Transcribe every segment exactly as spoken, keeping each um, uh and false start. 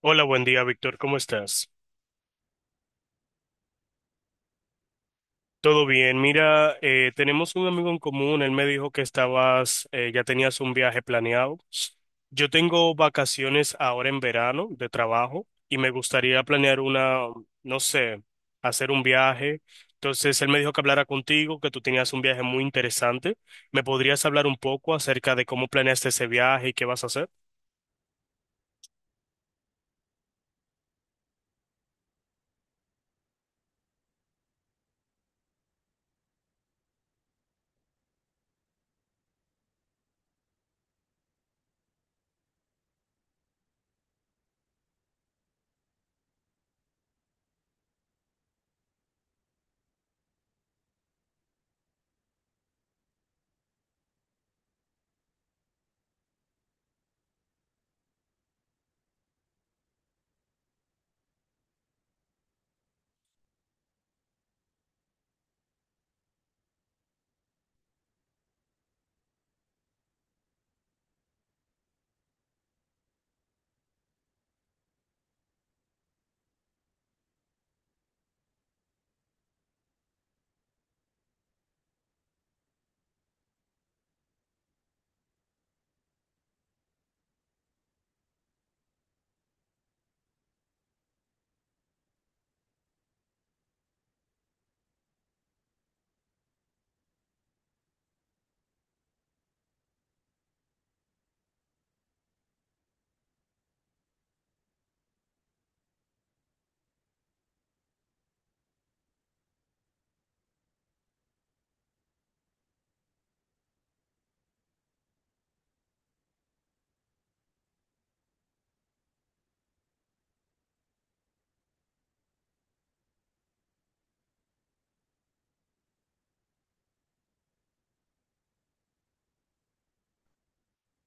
Hola, buen día, Víctor. ¿Cómo estás? Todo bien. Mira, eh, tenemos un amigo en común. Él me dijo que estabas, eh, ya tenías un viaje planeado. Yo tengo vacaciones ahora en verano de trabajo y me gustaría planear una, no sé, hacer un viaje. Entonces, él me dijo que hablara contigo, que tú tenías un viaje muy interesante. ¿Me podrías hablar un poco acerca de cómo planeaste ese viaje y qué vas a hacer?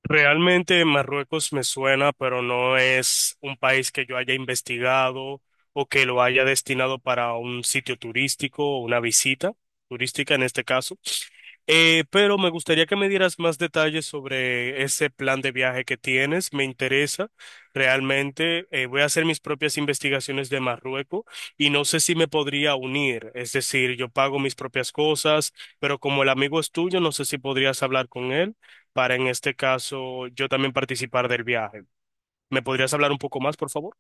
Realmente Marruecos me suena, pero no es un país que yo haya investigado o que lo haya destinado para un sitio turístico o una visita turística en este caso. Eh, pero me gustaría que me dieras más detalles sobre ese plan de viaje que tienes. Me interesa realmente. Eh, voy a hacer mis propias investigaciones de Marruecos y no sé si me podría unir. Es decir, yo pago mis propias cosas, pero como el amigo es tuyo, no sé si podrías hablar con él para en este caso yo también participar del viaje. ¿Me podrías hablar un poco más, por favor?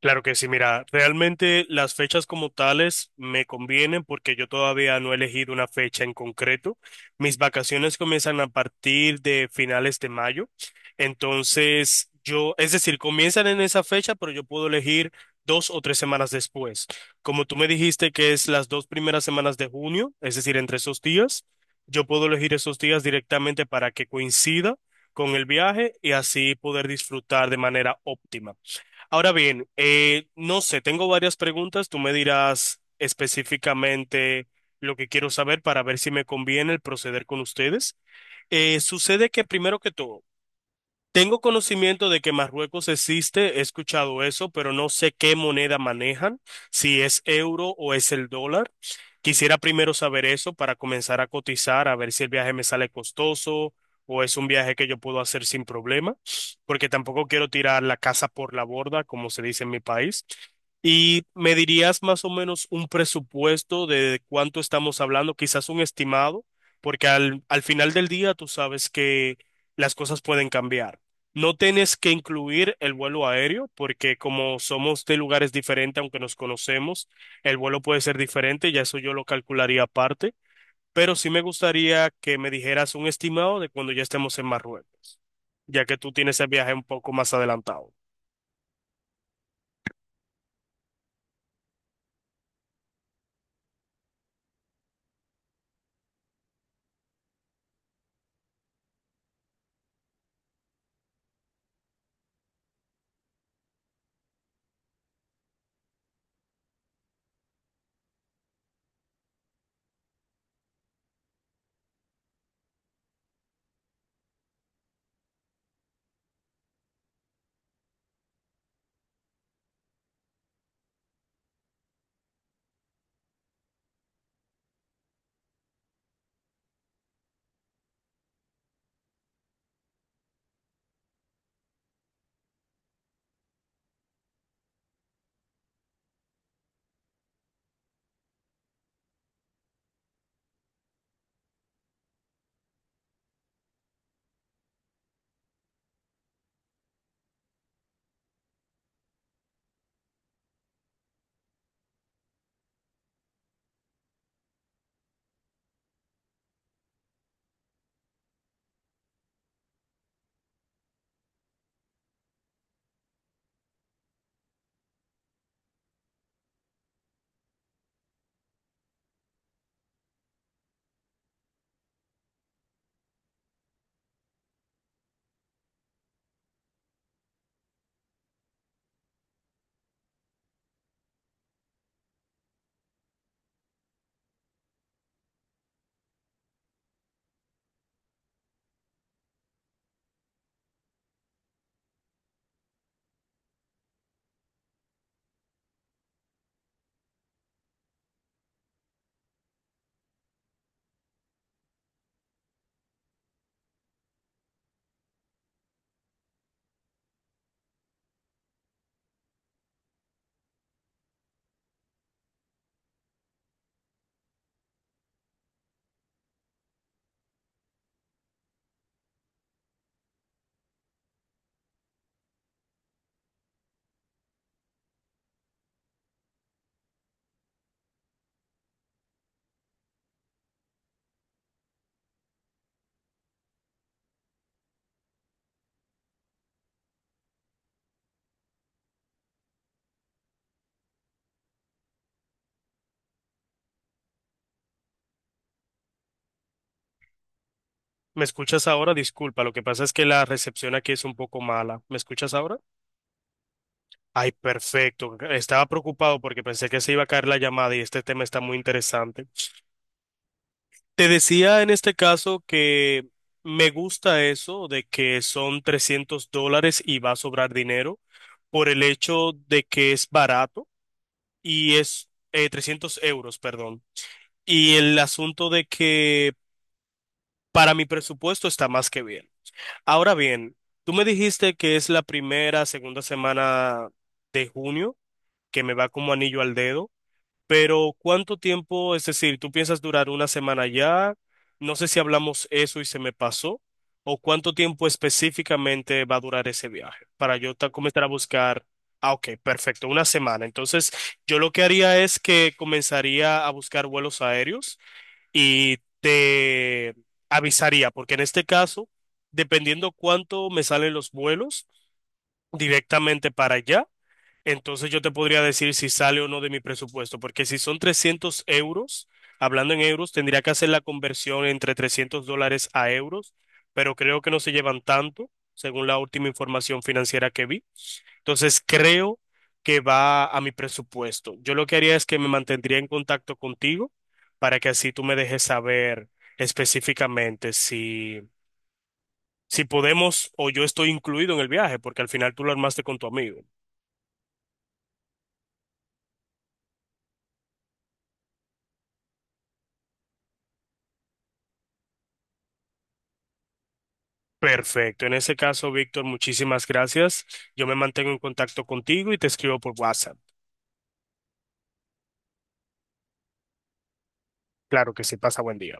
Claro que sí, mira, realmente las fechas como tales me convienen porque yo todavía no he elegido una fecha en concreto. Mis vacaciones comienzan a partir de finales de mayo. Entonces, yo, es decir, comienzan en esa fecha, pero yo puedo elegir dos o tres semanas después. Como tú me dijiste que es las dos primeras semanas de junio, es decir, entre esos días, yo puedo elegir esos días directamente para que coincida con el viaje y así poder disfrutar de manera óptima. Ahora bien, eh, no sé, tengo varias preguntas. Tú me dirás específicamente lo que quiero saber para ver si me conviene el proceder con ustedes. Eh, sucede que primero que todo, tengo conocimiento de que Marruecos existe, he escuchado eso, pero no sé qué moneda manejan, si es euro o es el dólar. Quisiera primero saber eso para comenzar a cotizar, a ver si el viaje me sale costoso o es un viaje que yo puedo hacer sin problema, porque tampoco quiero tirar la casa por la borda, como se dice en mi país. Y me dirías más o menos un presupuesto de cuánto estamos hablando, quizás un estimado, porque al, al final del día tú sabes que las cosas pueden cambiar. No tienes que incluir el vuelo aéreo porque como somos de lugares diferentes, aunque nos conocemos, el vuelo puede ser diferente, ya eso yo lo calcularía aparte, pero sí me gustaría que me dijeras un estimado de cuando ya estemos en Marruecos, ya que tú tienes el viaje un poco más adelantado. ¿Me escuchas ahora? Disculpa, lo que pasa es que la recepción aquí es un poco mala. ¿Me escuchas ahora? Ay, perfecto. Estaba preocupado porque pensé que se iba a caer la llamada y este tema está muy interesante. Te decía en este caso que me gusta eso de que son trescientos dólares y va a sobrar dinero por el hecho de que es barato y es eh, trescientos euros, perdón. Y el asunto de que para mi presupuesto está más que bien. Ahora bien, tú me dijiste que es la primera, segunda semana de junio, que me va como anillo al dedo. Pero ¿cuánto tiempo? Es decir, ¿tú piensas durar una semana allá? No sé si hablamos eso y se me pasó. ¿O cuánto tiempo específicamente va a durar ese viaje? Para yo ta- comenzar a buscar. Ah, ok, perfecto, una semana. Entonces, yo lo que haría es que comenzaría a buscar vuelos aéreos y te avisaría, porque en este caso, dependiendo cuánto me salen los vuelos directamente para allá. Entonces yo te podría decir si sale o no de mi presupuesto, porque si son trescientos euros, hablando en euros, tendría que hacer la conversión entre trescientos dólares a euros, pero creo que no se llevan tanto, según la última información financiera que vi. Entonces creo que va a mi presupuesto. Yo lo que haría es que me mantendría en contacto contigo para que así tú me dejes saber específicamente si, si podemos o yo estoy incluido en el viaje, porque al final tú lo armaste con tu amigo. Perfecto. En ese caso, Víctor, muchísimas gracias. Yo me mantengo en contacto contigo y te escribo por WhatsApp. Claro que sí, pasa buen día.